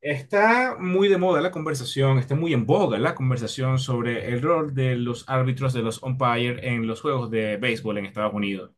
Está muy de moda la conversación, está muy en boga la conversación sobre el rol de los árbitros de los umpires en los juegos de béisbol en Estados Unidos.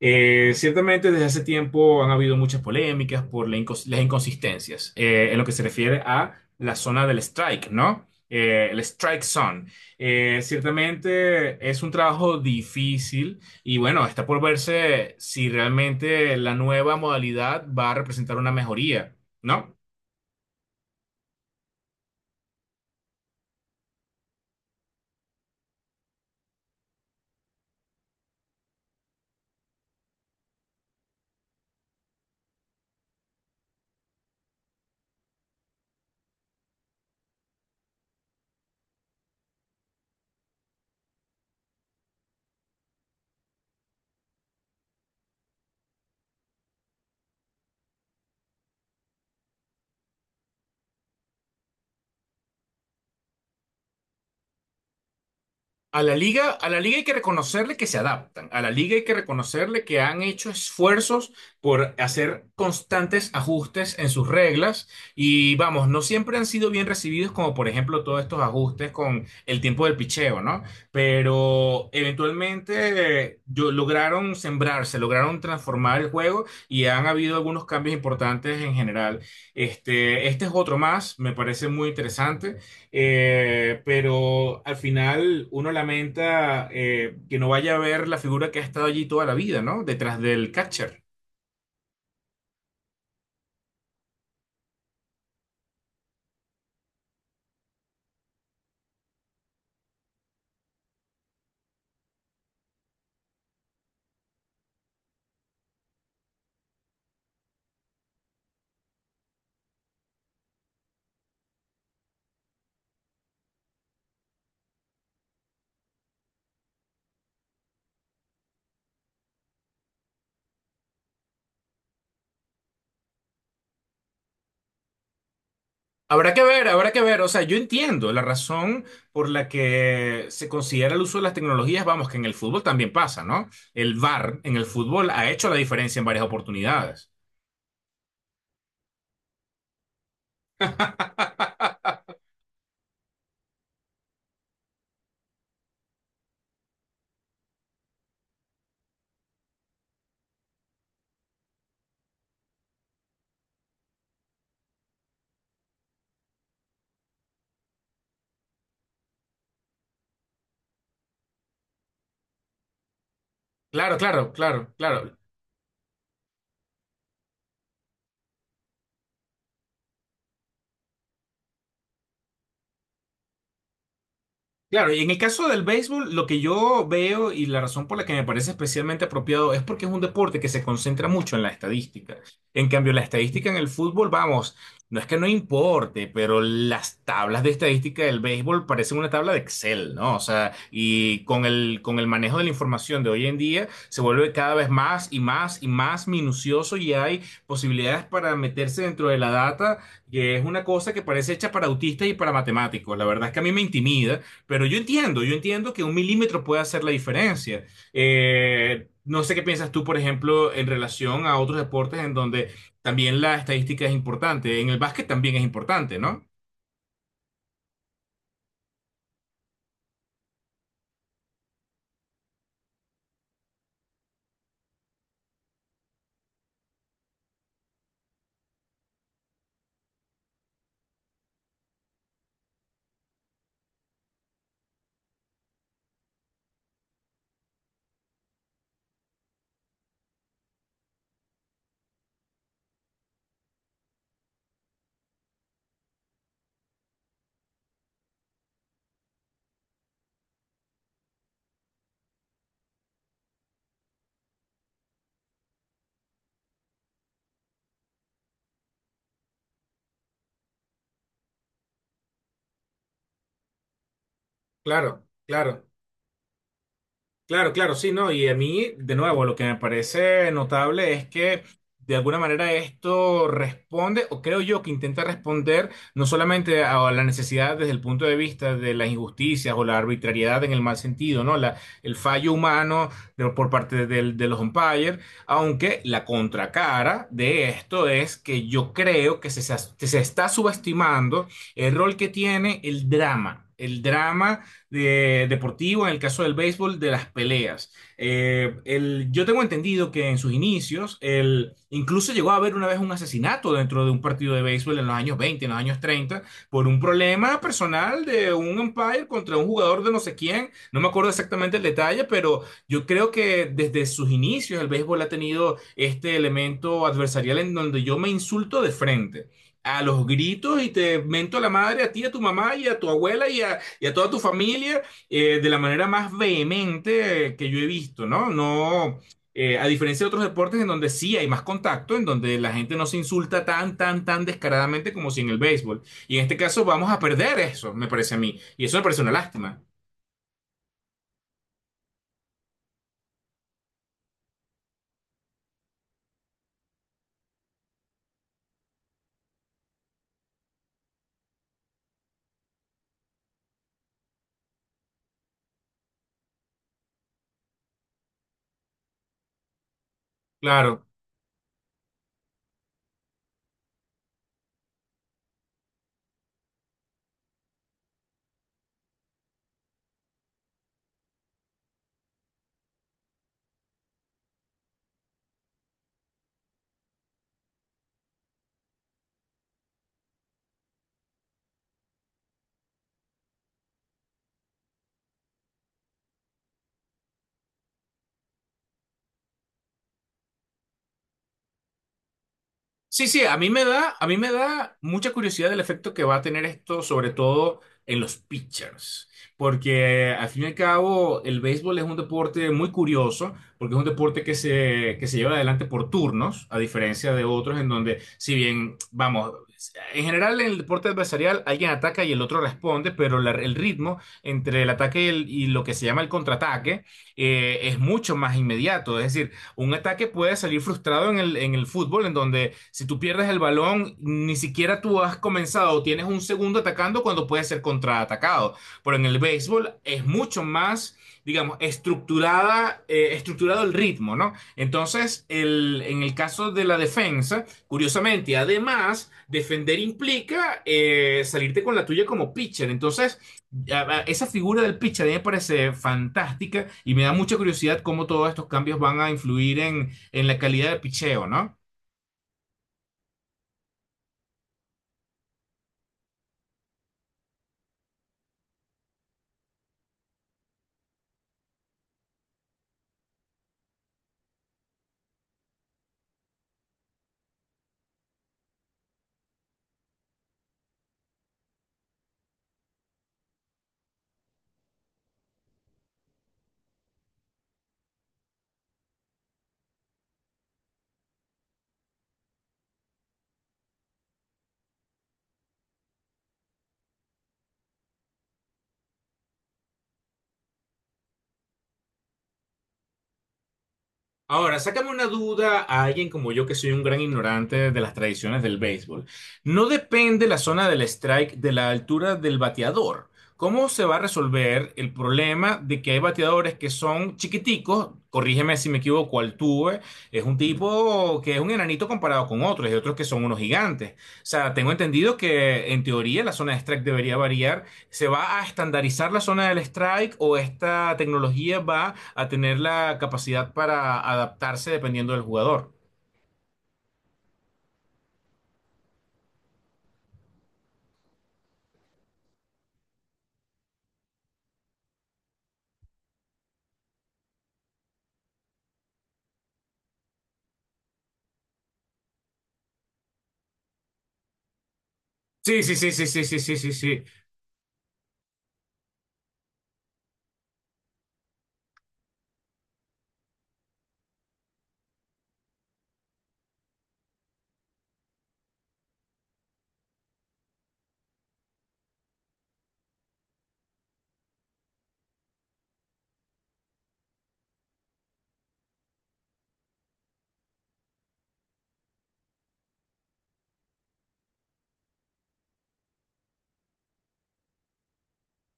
Ciertamente desde hace tiempo han habido muchas polémicas por la las inconsistencias en lo que se refiere a la zona del strike, ¿no? El strike zone. Ciertamente es un trabajo difícil y bueno, está por verse si realmente la nueva modalidad va a representar una mejoría, ¿no? A la liga hay que reconocerle que se adaptan, a la liga hay que reconocerle que han hecho esfuerzos por hacer constantes ajustes en sus reglas y vamos, no siempre han sido bien recibidos como por ejemplo todos estos ajustes con el tiempo del picheo, ¿no? Pero eventualmente lograron sembrarse, lograron transformar el juego y han habido algunos cambios importantes en general. Este es otro más, me parece muy interesante. Pero al final uno lamenta que no vaya a ver la figura que ha estado allí toda la vida, ¿no? Detrás del catcher. Habrá que ver, habrá que ver. O sea, yo entiendo la razón por la que se considera el uso de las tecnologías, vamos, que en el fútbol también pasa, ¿no? El VAR en el fútbol ha hecho la diferencia en varias oportunidades. Claro, claro, claro, claro. Claro, y en el caso del béisbol, lo que yo veo y la razón por la que me parece especialmente apropiado es porque es un deporte que se concentra mucho en la estadística. En cambio, la estadística en el fútbol, vamos, no es que no importe, pero las tablas de estadística del béisbol parecen una tabla de Excel, ¿no? O sea, y con el manejo de la información de hoy en día se vuelve cada vez más y más y más minucioso y hay posibilidades para meterse dentro de la data, que es una cosa que parece hecha para autistas y para matemáticos. La verdad es que a mí me intimida. Pero yo entiendo que un milímetro puede hacer la diferencia. No sé qué piensas tú, por ejemplo, en relación a otros deportes en donde también la estadística es importante. En el básquet también es importante, ¿no? Claro, claro. Claro, claro, sí, no, y a mí, de nuevo, lo que me parece notable es que de alguna manera esto responde, o creo yo que intenta responder no solamente a la necesidad desde el punto de vista de las injusticias o la arbitrariedad en el mal sentido, ¿no? El fallo humano por parte de los umpires, aunque la contracara de esto es que yo creo que se se está subestimando el rol que tiene el drama. El drama deportivo, en el caso del béisbol, de las peleas. Yo tengo entendido que en sus inicios, el, incluso llegó a haber una vez un asesinato dentro de un partido de béisbol en los años 20, en los años 30, por un problema personal de un umpire contra un jugador de no sé quién. No me acuerdo exactamente el detalle, pero yo creo que desde sus inicios el béisbol ha tenido este elemento adversarial en donde yo me insulto de frente a los gritos y te mento a la madre a ti, a tu mamá y a tu abuela y a toda tu familia de la manera más vehemente que yo he visto, ¿no? No, a diferencia de otros deportes en donde sí hay más contacto, en donde la gente no se insulta tan, tan, tan descaradamente como si en el béisbol. Y en este caso vamos a perder eso, me parece a mí. Y eso me parece una lástima. Claro. Sí, sí, a mí me da, a mí me da mucha curiosidad el efecto que va a tener esto, sobre todo en los pitchers, porque al fin y al cabo el béisbol es un deporte muy curioso, porque es un deporte que se lleva adelante por turnos, a diferencia de otros en donde, si bien, vamos, en general en el deporte adversarial alguien ataca y el otro responde, pero el ritmo entre el ataque y, y lo que se llama el contraataque es mucho más inmediato, es decir, un ataque puede salir frustrado en en el fútbol, en donde si tú pierdes el balón, ni siquiera tú has comenzado o tienes un segundo atacando cuando puedes ser contraatacado. Pero en el béisbol es mucho más digamos, estructurada, estructurado el ritmo, ¿no? Entonces, en el caso de la defensa, curiosamente, además, defender implica salirte con la tuya como pitcher. Entonces, esa figura del pitcher a mí me parece fantástica y me da mucha curiosidad cómo todos estos cambios van a influir en la calidad del picheo, ¿no? Ahora, sácame una duda a alguien como yo que soy un gran ignorante de las tradiciones del béisbol. No depende la zona del strike de la altura del bateador. ¿Cómo se va a resolver el problema de que hay bateadores que son chiquiticos? Corrígeme si me equivoco, Altuve es un tipo que es un enanito comparado con otros y otros que son unos gigantes. O sea, tengo entendido que en teoría la zona de strike debería variar. ¿Se va a estandarizar la zona del strike o esta tecnología va a tener la capacidad para adaptarse dependiendo del jugador? Sí, sí, sí, sí, sí, sí, sí, sí, sí.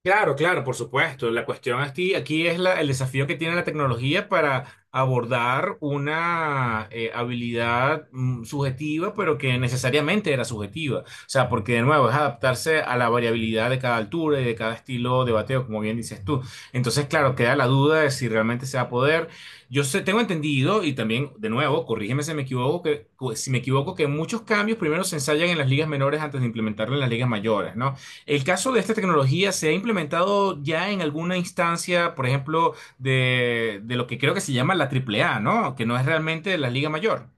Claro, claro, por supuesto. La cuestión aquí, aquí es el desafío que tiene la tecnología para abordar una habilidad subjetiva, pero que necesariamente era subjetiva. O sea, porque de nuevo es adaptarse a la variabilidad de cada altura y de cada estilo de bateo, como bien dices tú. Entonces, claro, queda la duda de si realmente se va a poder. Yo sé, tengo entendido, y también, de nuevo, corrígeme si me equivoco, si me equivoco, que muchos cambios primero se ensayan en las ligas menores antes de implementarlo en las ligas mayores, ¿no? El caso de esta tecnología se ha implementado ya en alguna instancia, por ejemplo, de lo que creo que se llama la Triple A, ¿no? Que no es realmente la Liga Mayor.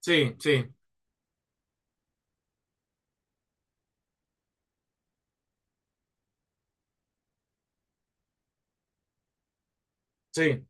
Sí, sí, sí.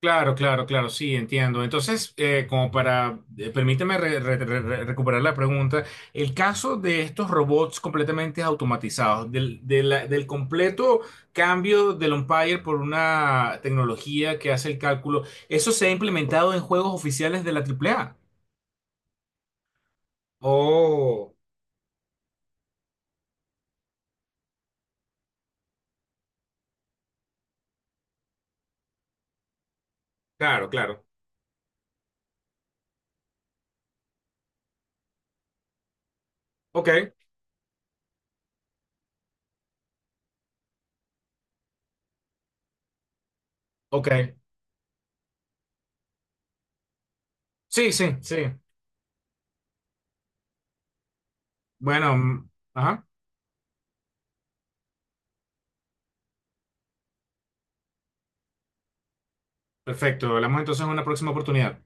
Claro, claro, claro, sí, entiendo. Entonces, como para, permíteme recuperar la pregunta, el caso de estos robots completamente automatizados, del completo cambio del umpire por una tecnología que hace el cálculo, ¿eso se ha implementado en juegos oficiales de la Triple A? Oh, claro, claro. Ok, ok. Sí, sí, sí. Bueno, mm, ajá, perfecto. Hablamos entonces en una próxima oportunidad.